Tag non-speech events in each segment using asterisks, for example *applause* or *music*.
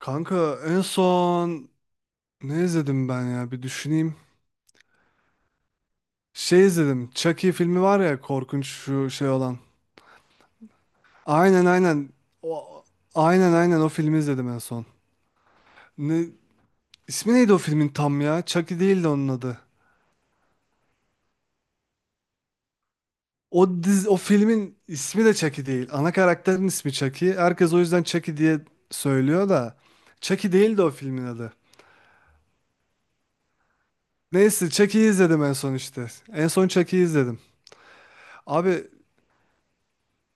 Kanka en son ne izledim ben ya bir düşüneyim. Şey izledim. Chucky filmi var ya korkunç şu şey olan. Aynen aynen. O, aynen aynen o filmi izledim en son. Ne, ismi neydi o filmin tam ya? Chucky değildi onun adı. O filmin ismi de Chucky değil. Ana karakterin ismi Chucky. Herkes o yüzden Chucky diye söylüyor da. Chucky değildi o filmin adı. Neyse Chucky'yi izledim en son işte. En son Chucky'yi izledim. Abi,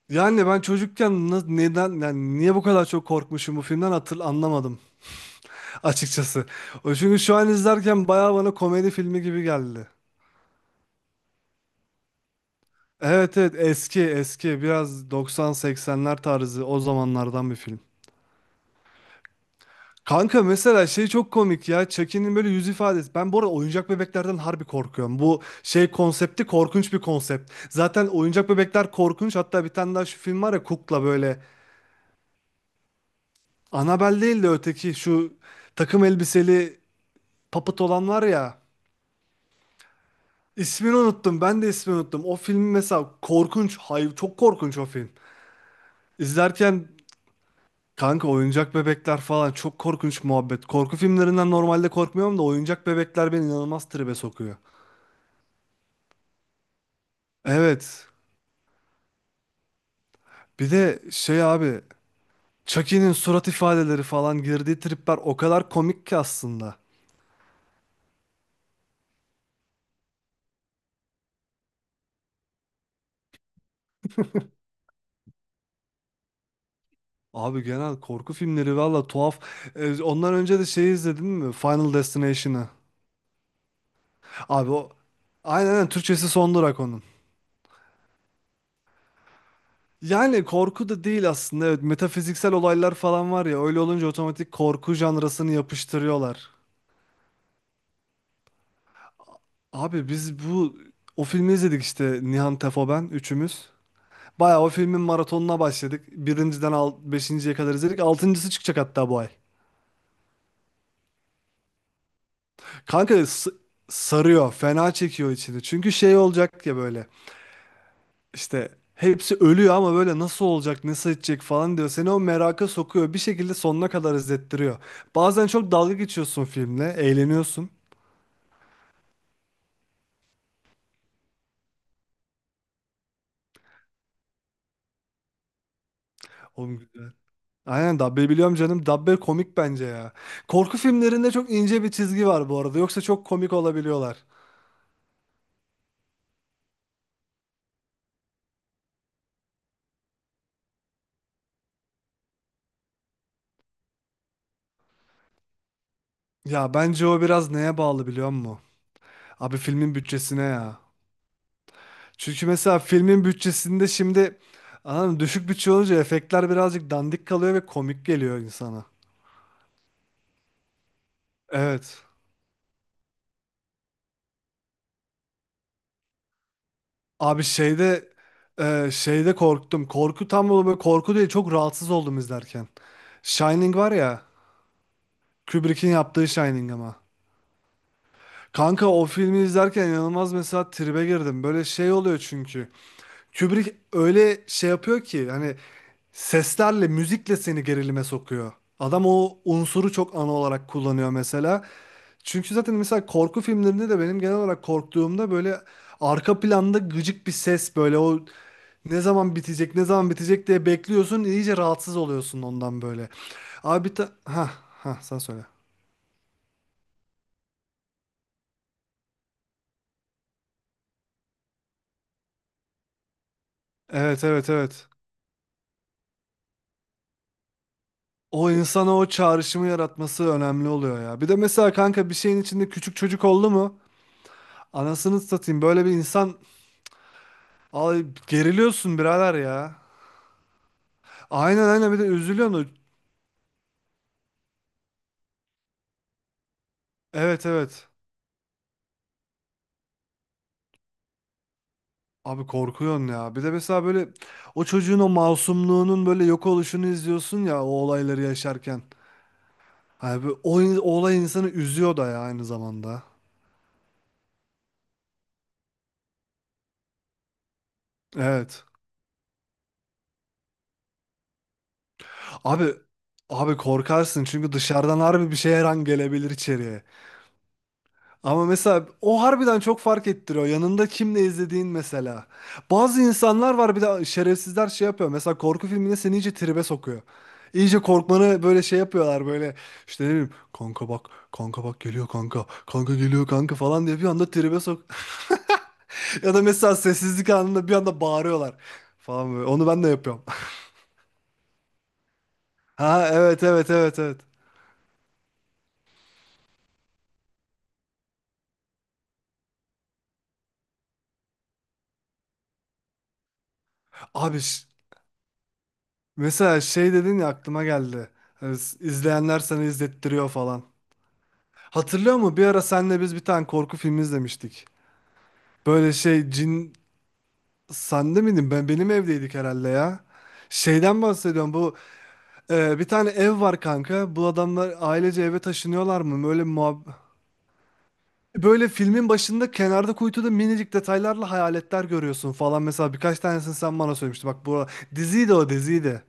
yani ben çocukken neden yani niye bu kadar çok korkmuşum bu filmden anlamadım *laughs* açıkçası. O çünkü şu an izlerken bayağı bana komedi filmi gibi geldi. Evet evet, eski eski biraz 90-80'ler tarzı o zamanlardan bir film. Kanka mesela şey çok komik ya, Chucky'nin böyle yüz ifadesi. Ben bu arada oyuncak bebeklerden harbi korkuyorum. Bu şey konsepti korkunç bir konsept. Zaten oyuncak bebekler korkunç, hatta bir tane daha şu film var ya, Kukla böyle. Annabelle değil de öteki şu takım elbiseli Puppet olan var ya. İsmini unuttum. Ben de ismini unuttum. O film mesela korkunç. Hayır, çok korkunç o film. İzlerken kanka oyuncak bebekler falan çok korkunç muhabbet. Korku filmlerinden normalde korkmuyorum da oyuncak bebekler beni inanılmaz tribe sokuyor. Evet. Bir de şey abi, Chucky'nin surat ifadeleri falan girdiği tripler o kadar komik ki aslında. Abi genel korku filmleri valla tuhaf. Ondan önce de şeyi izledin mi? Final Destination'ı. Abi o aynen aynen Türkçesi Son Durak onun. Yani korku da değil aslında. Evet, metafiziksel olaylar falan var ya. Öyle olunca otomatik korku janrasını yapıştırıyorlar. Abi biz o filmi izledik işte, Nihan Tefo ben üçümüz. Bayağı o filmin maratonuna başladık. Birinciden al, beşinciye kadar izledik. Altıncısı çıkacak hatta bu ay. Kanka sarıyor. Fena çekiyor içini. Çünkü şey olacak ya böyle. İşte hepsi ölüyor ama böyle nasıl olacak, nasıl edecek falan diyor. Seni o meraka sokuyor. Bir şekilde sonuna kadar izlettiriyor. Bazen çok dalga geçiyorsun filmle, eğleniyorsun. Oğlum güzel. Aynen, Dabbe biliyorum canım. Dabbe komik bence ya. Korku filmlerinde çok ince bir çizgi var bu arada. Yoksa çok komik olabiliyorlar. Ya bence o biraz neye bağlı biliyor musun? Abi filmin bütçesine ya. Çünkü mesela filmin bütçesinde şimdi anladın mı? Düşük bütçe olunca efektler birazcık dandik kalıyor ve komik geliyor insana. Evet. Abi şeyde korktum. Korku tam böyle korku değil, çok rahatsız oldum izlerken. Shining var ya, Kubrick'in yaptığı Shining ama. Kanka o filmi izlerken inanılmaz mesela tribe girdim. Böyle şey oluyor çünkü. Kubrick öyle şey yapıyor ki hani seslerle, müzikle seni gerilime sokuyor. Adam o unsuru çok ana olarak kullanıyor mesela. Çünkü zaten mesela korku filmlerinde de benim genel olarak korktuğumda böyle arka planda gıcık bir ses, böyle o ne zaman bitecek, ne zaman bitecek diye bekliyorsun, iyice rahatsız oluyorsun ondan böyle. Abi bir ta ha ha sen söyle. Evet evet evet. O insana o çağrışımı yaratması önemli oluyor ya. Bir de mesela kanka bir şeyin içinde küçük çocuk oldu mu? Anasını satayım, böyle bir insan, ay geriliyorsun birader ya. Aynen aynen, bir de üzülüyorsun. Evet evet. Abi korkuyorsun ya. Bir de mesela böyle o çocuğun o masumluğunun böyle yok oluşunu izliyorsun ya o olayları yaşarken. Abi o olay insanı üzüyor da ya aynı zamanda. Evet. Abi abi korkarsın, çünkü dışarıdan harbi bir şey her an gelebilir içeriye. Ama mesela o harbiden çok fark ettiriyor. Yanında kimle izlediğin mesela. Bazı insanlar var, bir de şerefsizler şey yapıyor. Mesela korku filmine seni iyice tribe sokuyor. İyice korkmanı böyle şey yapıyorlar böyle. İşte ne bileyim kanka, bak kanka, bak geliyor kanka. Kanka geliyor kanka falan diye bir anda tribe sok. *laughs* Ya da mesela sessizlik anında bir anda bağırıyorlar falan böyle. Onu ben de yapıyorum. *laughs* Ha evet evet evet evet. Abi mesela şey dedin ya, aklıma geldi. Hani izleyenler sana izlettiriyor falan. Hatırlıyor musun? Bir ara senle biz bir tane korku filmi izlemiştik. Böyle şey cin, sende miydin? Benim evdeydik herhalde ya. Şeyden bahsediyorum. Bir tane ev var kanka. Bu adamlar ailece eve taşınıyorlar mı? Böyle filmin başında kenarda kuytuda minicik detaylarla hayaletler görüyorsun falan. Mesela birkaç tanesini sen bana söylemiştin. Bak bu diziydi, o diziydi.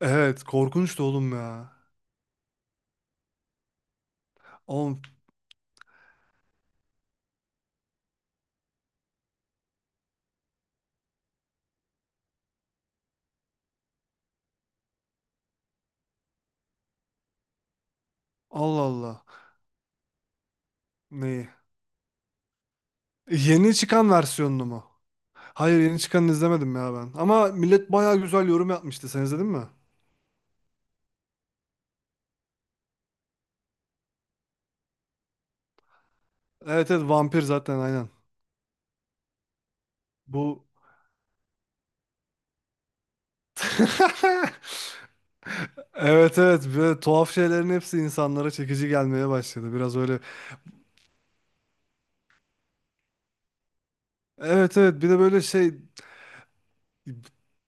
Evet korkunçtu oğlum ya. Oğlum, Allah Allah. Neyi? Yeni çıkan versiyonunu mu? Hayır, yeni çıkanını izlemedim ya ben. Ama millet bayağı güzel yorum yapmıştı. Sen izledin mi? Evet evet, vampir zaten aynen. Bu *laughs* Evet evet, böyle tuhaf şeylerin hepsi insanlara çekici gelmeye başladı. Biraz öyle. Evet evet, bir de böyle şey,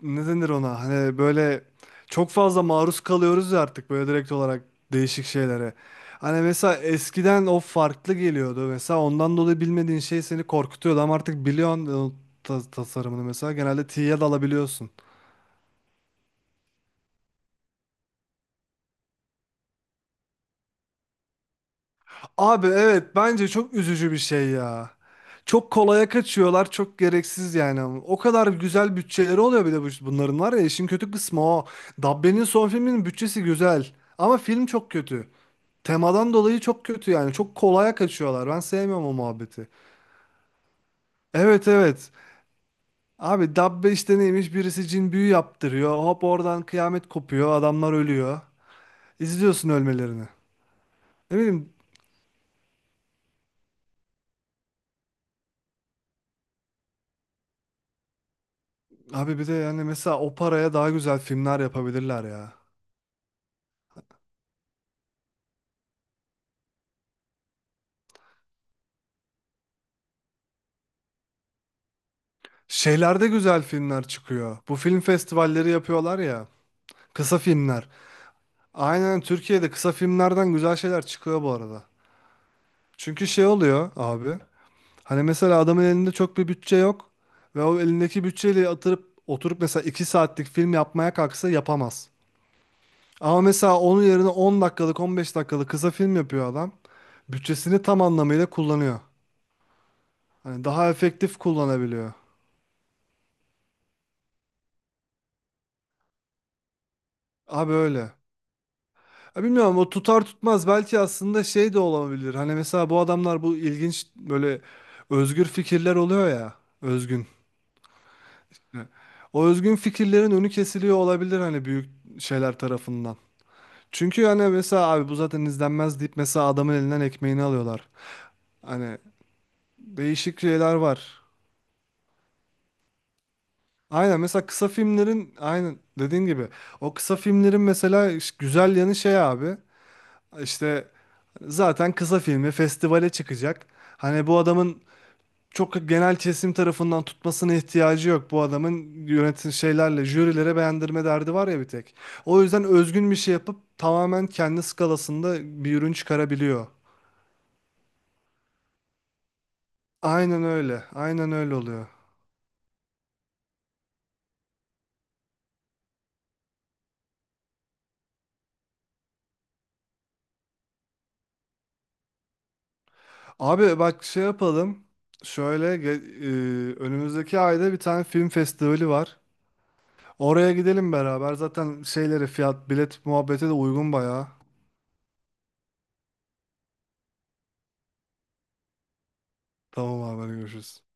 ne denir ona? Hani böyle çok fazla maruz kalıyoruz ya artık, böyle direkt olarak değişik şeylere. Hani mesela eskiden o farklı geliyordu. Mesela ondan dolayı bilmediğin şey seni korkutuyordu ama artık biliyorsun o tasarımını, mesela genelde tiye dalabiliyorsun. Abi evet, bence çok üzücü bir şey ya. Çok kolaya kaçıyorlar, çok gereksiz yani. O kadar güzel bütçeleri oluyor bir de bunların var ya, işin kötü kısmı o. Dabbe'nin son filminin bütçesi güzel ama film çok kötü. Temadan dolayı çok kötü yani. Çok kolaya kaçıyorlar. Ben sevmiyorum o muhabbeti. Evet evet. Abi dabbe işte neymiş? Birisi cin büyü yaptırıyor. Hop oradan kıyamet kopuyor. Adamlar ölüyor. İzliyorsun ölmelerini. Ne bileyim abi, bir de yani mesela o paraya daha güzel filmler yapabilirler ya. Şeylerde güzel filmler çıkıyor. Bu film festivalleri yapıyorlar ya. Kısa filmler. Aynen, Türkiye'de kısa filmlerden güzel şeyler çıkıyor bu arada. Çünkü şey oluyor abi. Hani mesela adamın elinde çok bir bütçe yok ve o elindeki bütçeyle atırıp oturup mesela 2 saatlik film yapmaya kalksa yapamaz. Ama mesela onun yerine 10 dakikalık 15 dakikalık kısa film yapıyor adam. Bütçesini tam anlamıyla kullanıyor. Hani daha efektif kullanabiliyor. Abi öyle. Ya bilmiyorum, o tutar tutmaz belki aslında şey de olabilir. Hani mesela bu adamlar bu ilginç böyle özgür fikirler oluyor ya. Özgün. O özgün fikirlerin önü kesiliyor olabilir hani büyük şeyler tarafından. Çünkü hani mesela abi bu zaten izlenmez deyip mesela adamın elinden ekmeğini alıyorlar. Hani değişik şeyler var. Aynen mesela kısa filmlerin, aynen dediğin gibi o kısa filmlerin mesela güzel yanı şey abi işte, zaten kısa filmi festivale çıkacak. Hani bu adamın çok genel kesim tarafından tutmasına ihtiyacı yok. Bu adamın yönetim şeylerle jürilere beğendirme derdi var ya bir tek. O yüzden özgün bir şey yapıp tamamen kendi skalasında bir ürün çıkarabiliyor. Aynen öyle. Aynen öyle oluyor. Abi bak şey yapalım. Şöyle ge- Önümüzdeki ayda bir tane film festivali var. Oraya gidelim beraber. Zaten şeyleri fiyat bilet muhabbeti de uygun bayağı. Tamam abi, hadi görüşürüz.